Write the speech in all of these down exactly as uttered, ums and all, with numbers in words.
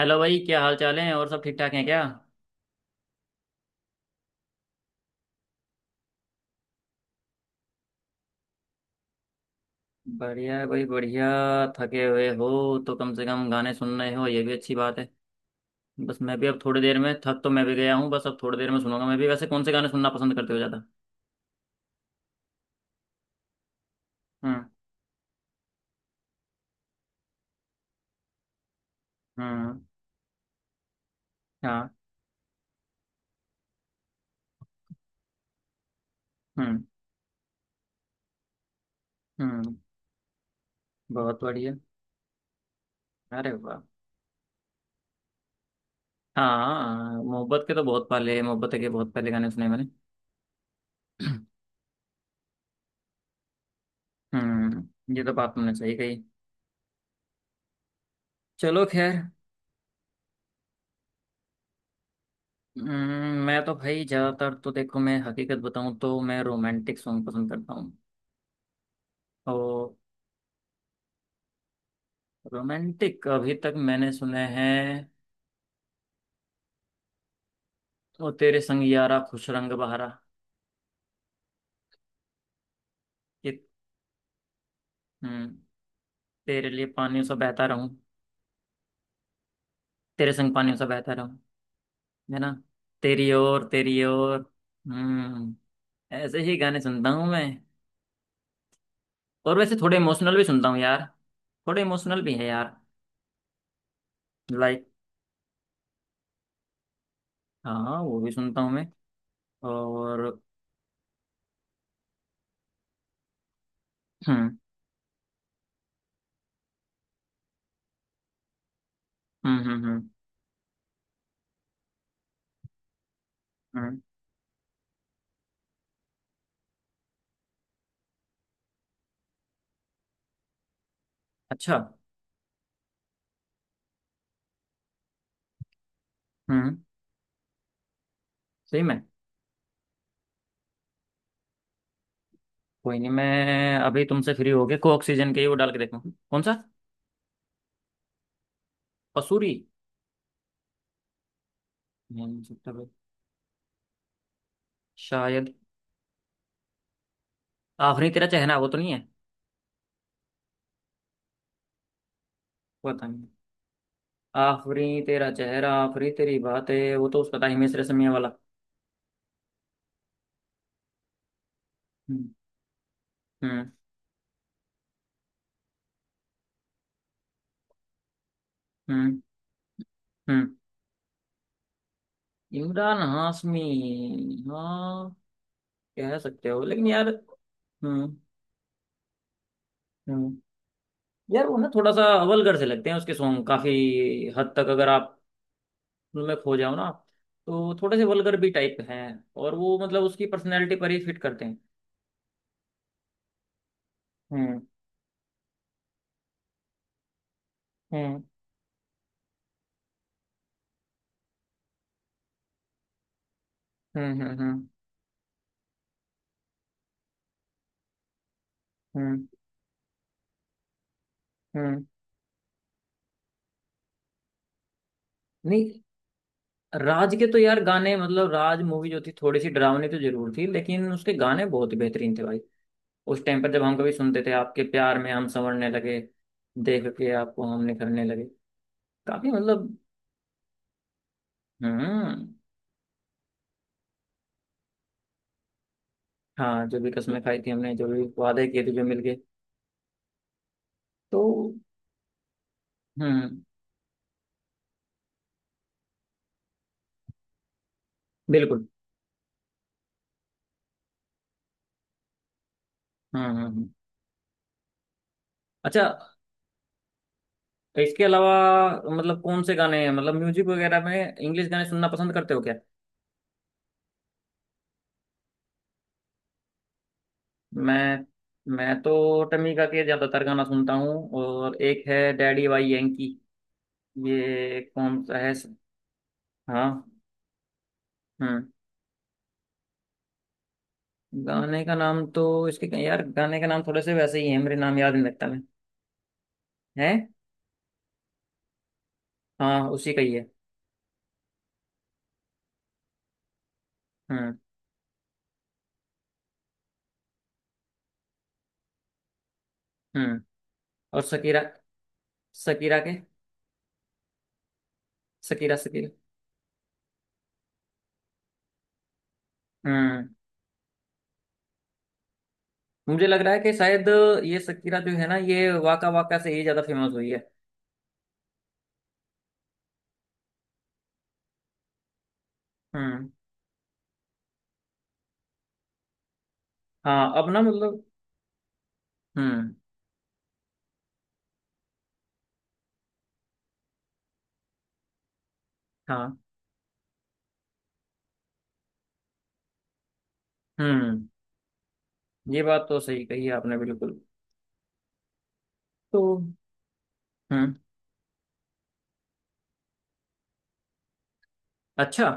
Hello भाई, क्या हाल चाल है? और सब ठीक ठाक हैं क्या? बढ़िया है भाई, बढ़िया। थके हुए हो तो कम से कम गाने सुन रहे हो, ये भी अच्छी बात है। बस मैं भी अब थोड़ी देर में, थक तो मैं भी गया हूँ, बस अब थोड़ी देर में सुनूंगा मैं भी। वैसे कौन से गाने सुनना पसंद करते हो ज़्यादा? हम्म। हम्म। हाँ। हम्म। हम्म। बहुत बढ़िया। अरे वाह! हाँ, मोहब्बत के तो बहुत पहले मोहब्बत के बहुत पहले गाने सुने मैंने। हम्म, ये तो बात तुमने सही कही। चलो खैर। हम्म, मैं तो भाई ज़्यादातर, तो देखो, मैं हकीकत बताऊँ तो मैं रोमांटिक सॉन्ग पसंद करता हूँ। तो रोमांटिक अभी तक मैंने सुने हैं, ओ तेरे संग यारा खुश रंग बहारा। ये। हम्म। तेरे लिए पानियों सा बहता रहूं। तेरे संग पानियों सा बहता रहूं। है ना? तेरी ओर, तेरी ओर। हम्म। ऐसे ही गाने सुनता हूँ मैं। और वैसे थोड़े इमोशनल भी सुनता हूँ यार। थोड़े इमोशनल भी है यार। लाइक, हाँ वो भी सुनता हूँ मैं। और हम्म, हम्म, हम्म। हम्म। हम्म। अच्छा। हम्म। सही में। कोई नहीं, मैं अभी तुमसे फ्री हो गया को ऑक्सीजन के ही वो डाल के देखूँ। कौन सा? पसूरी? नहीं हो सकता भाई। शायद। आफरी तेरा चेहरा वो तो नहीं है? पता नहीं। आफरी तेरा चेहरा, आफरी तेरी बातें, वो तो उसका था हिमेश रेशमिया वाला। हम्म। हम्म। हम्म। हम्म। इमरान हाशमी। हाँ, कह सकते हो लेकिन यार। हम्म। हम्म। यार वो ना थोड़ा सा अवलगर से लगते हैं उसके सॉन्ग, काफी हद तक। अगर आप उनमें खो जाओ ना, तो थोड़े से वल्गर भी टाइप हैं। और वो मतलब उसकी पर्सनैलिटी पर ही फिट करते हैं। हम्म हम्म, हम्म, हम्म। हम्म, हम्म, हम्म। नहीं। राज के तो यार गाने, मतलब राज मूवी जो थी थोड़ी सी डरावनी तो जरूर थी, लेकिन उसके गाने बहुत ही बेहतरीन थे भाई। उस टाइम पर जब हम कभी सुनते थे, आपके प्यार में हम संवरने लगे, देख के आपको हम निखरने लगे, काफी मतलब। हम्म। हाँ, जो भी कसमें खाई थी हमने, जो भी वादे किए थे, जो मिल गए। तो हम्म। बिल्कुल। हम्म, हम्म, हम्म। अच्छा, तो इसके अलावा मतलब कौन से गाने हैं, मतलब म्यूजिक वगैरह में? इंग्लिश गाने सुनना पसंद करते हो क्या? मैं मैं तो टमीका के ज्यादातर गाना सुनता हूँ, और एक है डैडी वाई यंकी। ये कौन सा है? हाँ। हम्म। गाने का नाम तो, इसके यार गाने का नाम थोड़े से वैसे ही है, मेरे नाम याद नहीं लगता मैं। है। हाँ उसी का ही है। हम्म। हम्म। और सकीरा। सकीरा के। Shakira, Shakira. हम्म। मुझे लग रहा है कि शायद ये सकीरा जो है ना, ये वाका वाका से ही ज्यादा फेमस हुई है। हम्म। हाँ अब ना मतलब। हम्म। हाँ। हम्म। ये बात तो सही कही आपने, बिल्कुल। तो हम्म। अच्छा?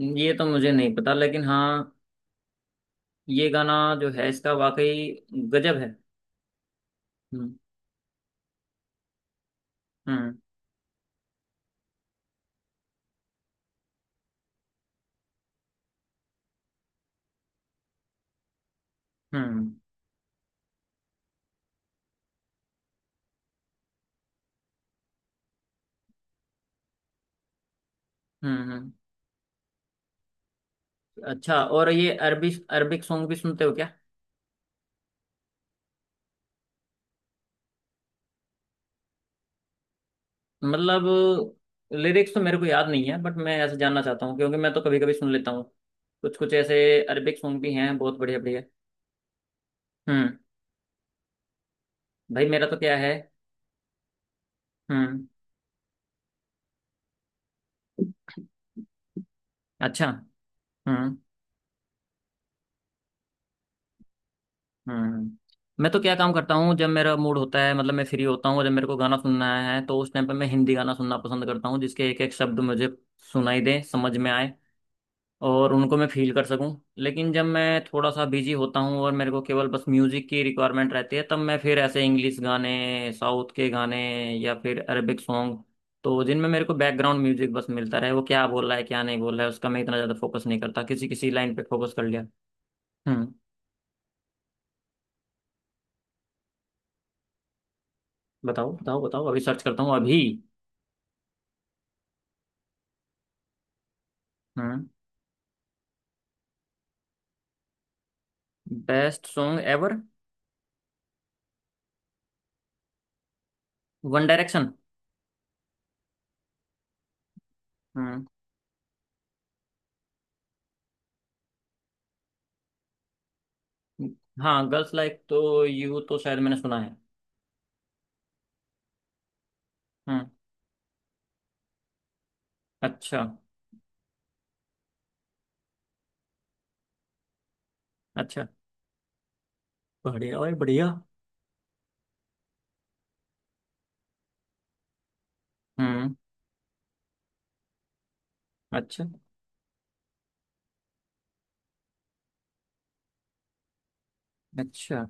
ये तो मुझे नहीं पता, लेकिन हाँ ये गाना जो है इसका, वाकई गजब है। हम्म। हम्म। हम्म। हम्म। हम्म। अच्छा, और ये अरबी, अरबिक सॉन्ग भी सुनते हो क्या? मतलब लिरिक्स तो मेरे को याद नहीं है, बट मैं ऐसे जानना चाहता हूँ, क्योंकि मैं तो कभी कभी सुन लेता हूँ। कुछ कुछ ऐसे अरबिक सॉन्ग भी हैं बहुत बढ़िया बढ़िया। हम्म। भाई मेरा तो क्या है। हम्म। अच्छा। हम्म, हम्म। मैं तो क्या काम करता हूँ, जब मेरा मूड होता है, मतलब मैं फ्री होता हूँ, और जब मेरे को गाना सुनना है, तो उस टाइम पर मैं हिंदी गाना सुनना पसंद करता हूँ, जिसके एक एक शब्द मुझे सुनाई दे, समझ में आए, और उनको मैं फील कर सकूँ। लेकिन जब मैं थोड़ा सा बिजी होता हूँ और मेरे को केवल बस म्यूजिक की रिक्वायरमेंट रहती है, तब मैं फिर ऐसे इंग्लिश गाने, साउथ के गाने, या फिर अरेबिक सॉन्ग, तो जिनमें मेरे को बैकग्राउंड म्यूजिक बस मिलता रहे, वो क्या बोल रहा है क्या नहीं बोल रहा है, उसका मैं इतना ज़्यादा फोकस नहीं करता, किसी किसी लाइन पे फोकस कर लिया। हम्म। बताओ बताओ बताओ, अभी सर्च करता हूँ अभी। हम्म। Best song ever. One Direction. हम्म। हाँ, गर्ल्स लाइक तो यू तो शायद मैंने सुना है। हम्म। अच्छा। अच्छा। बढ़िया और बढ़िया। हम्म। अच्छा। अच्छा।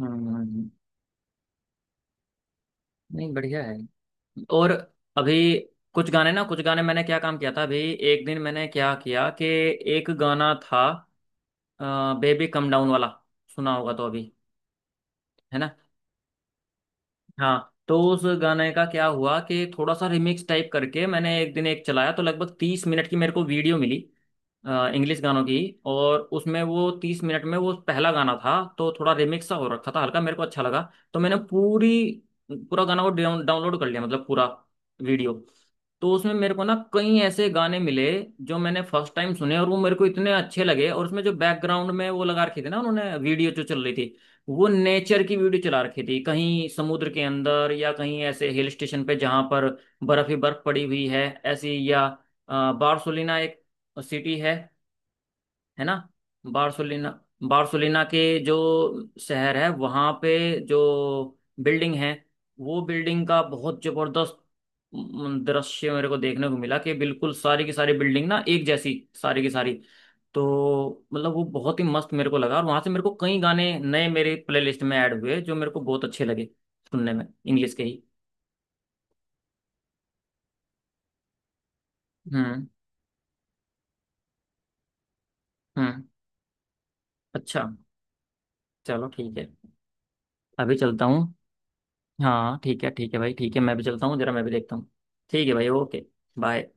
हम्म। नहीं, बढ़िया है। और अभी कुछ गाने ना कुछ गाने मैंने क्या काम किया था अभी। एक दिन मैंने क्या किया कि, एक गाना था, बेबी कम डाउन वाला, सुना होगा तो अभी। है ना? हाँ, तो उस गाने का क्या हुआ कि थोड़ा सा रिमिक्स टाइप करके मैंने एक दिन एक चलाया, तो लगभग तीस मिनट की मेरे को वीडियो मिली इंग्लिश गानों की। और उसमें वो तीस मिनट में वो पहला गाना था। तो थोड़ा रिमिक्स सा हो रखा था हल्का, मेरे को अच्छा लगा। तो मैंने पूरी पूरा गाना को डाउनलोड कर लिया, मतलब पूरा वीडियो। तो उसमें मेरे को ना कई ऐसे गाने मिले जो मैंने फर्स्ट टाइम सुने, और वो मेरे को इतने अच्छे लगे। और उसमें जो बैकग्राउंड में वो लगा रखी थी ना उन्होंने, वीडियो जो चल रही थी, वो नेचर की वीडियो चला रखी थी, कहीं समुद्र के अंदर या कहीं ऐसे हिल स्टेशन पे जहाँ पर बर्फ ही बर्फ पड़ी हुई है ऐसी, या अ, बार्सोलिना एक सिटी है है ना? बार्सोलिना, बार्सोलिना के जो शहर है, वहाँ पे जो बिल्डिंग है, वो बिल्डिंग का बहुत जबरदस्त, म, दृश्य मेरे को देखने को मिला कि बिल्कुल सारी की सारी बिल्डिंग ना एक जैसी, सारी की सारी। तो मतलब वो बहुत ही मस्त मेरे को लगा, और वहाँ से मेरे को कई गाने नए मेरे प्लेलिस्ट में ऐड हुए जो मेरे को बहुत अच्छे लगे, सुनने में इंग्लिश के ही। हम्म। हम्म। अच्छा, चलो ठीक है। अभी चलता हूँ। हाँ ठीक है, ठीक है भाई, ठीक है, मैं भी चलता हूँ जरा, मैं भी देखता हूँ। ठीक है भाई, ओके। बाय।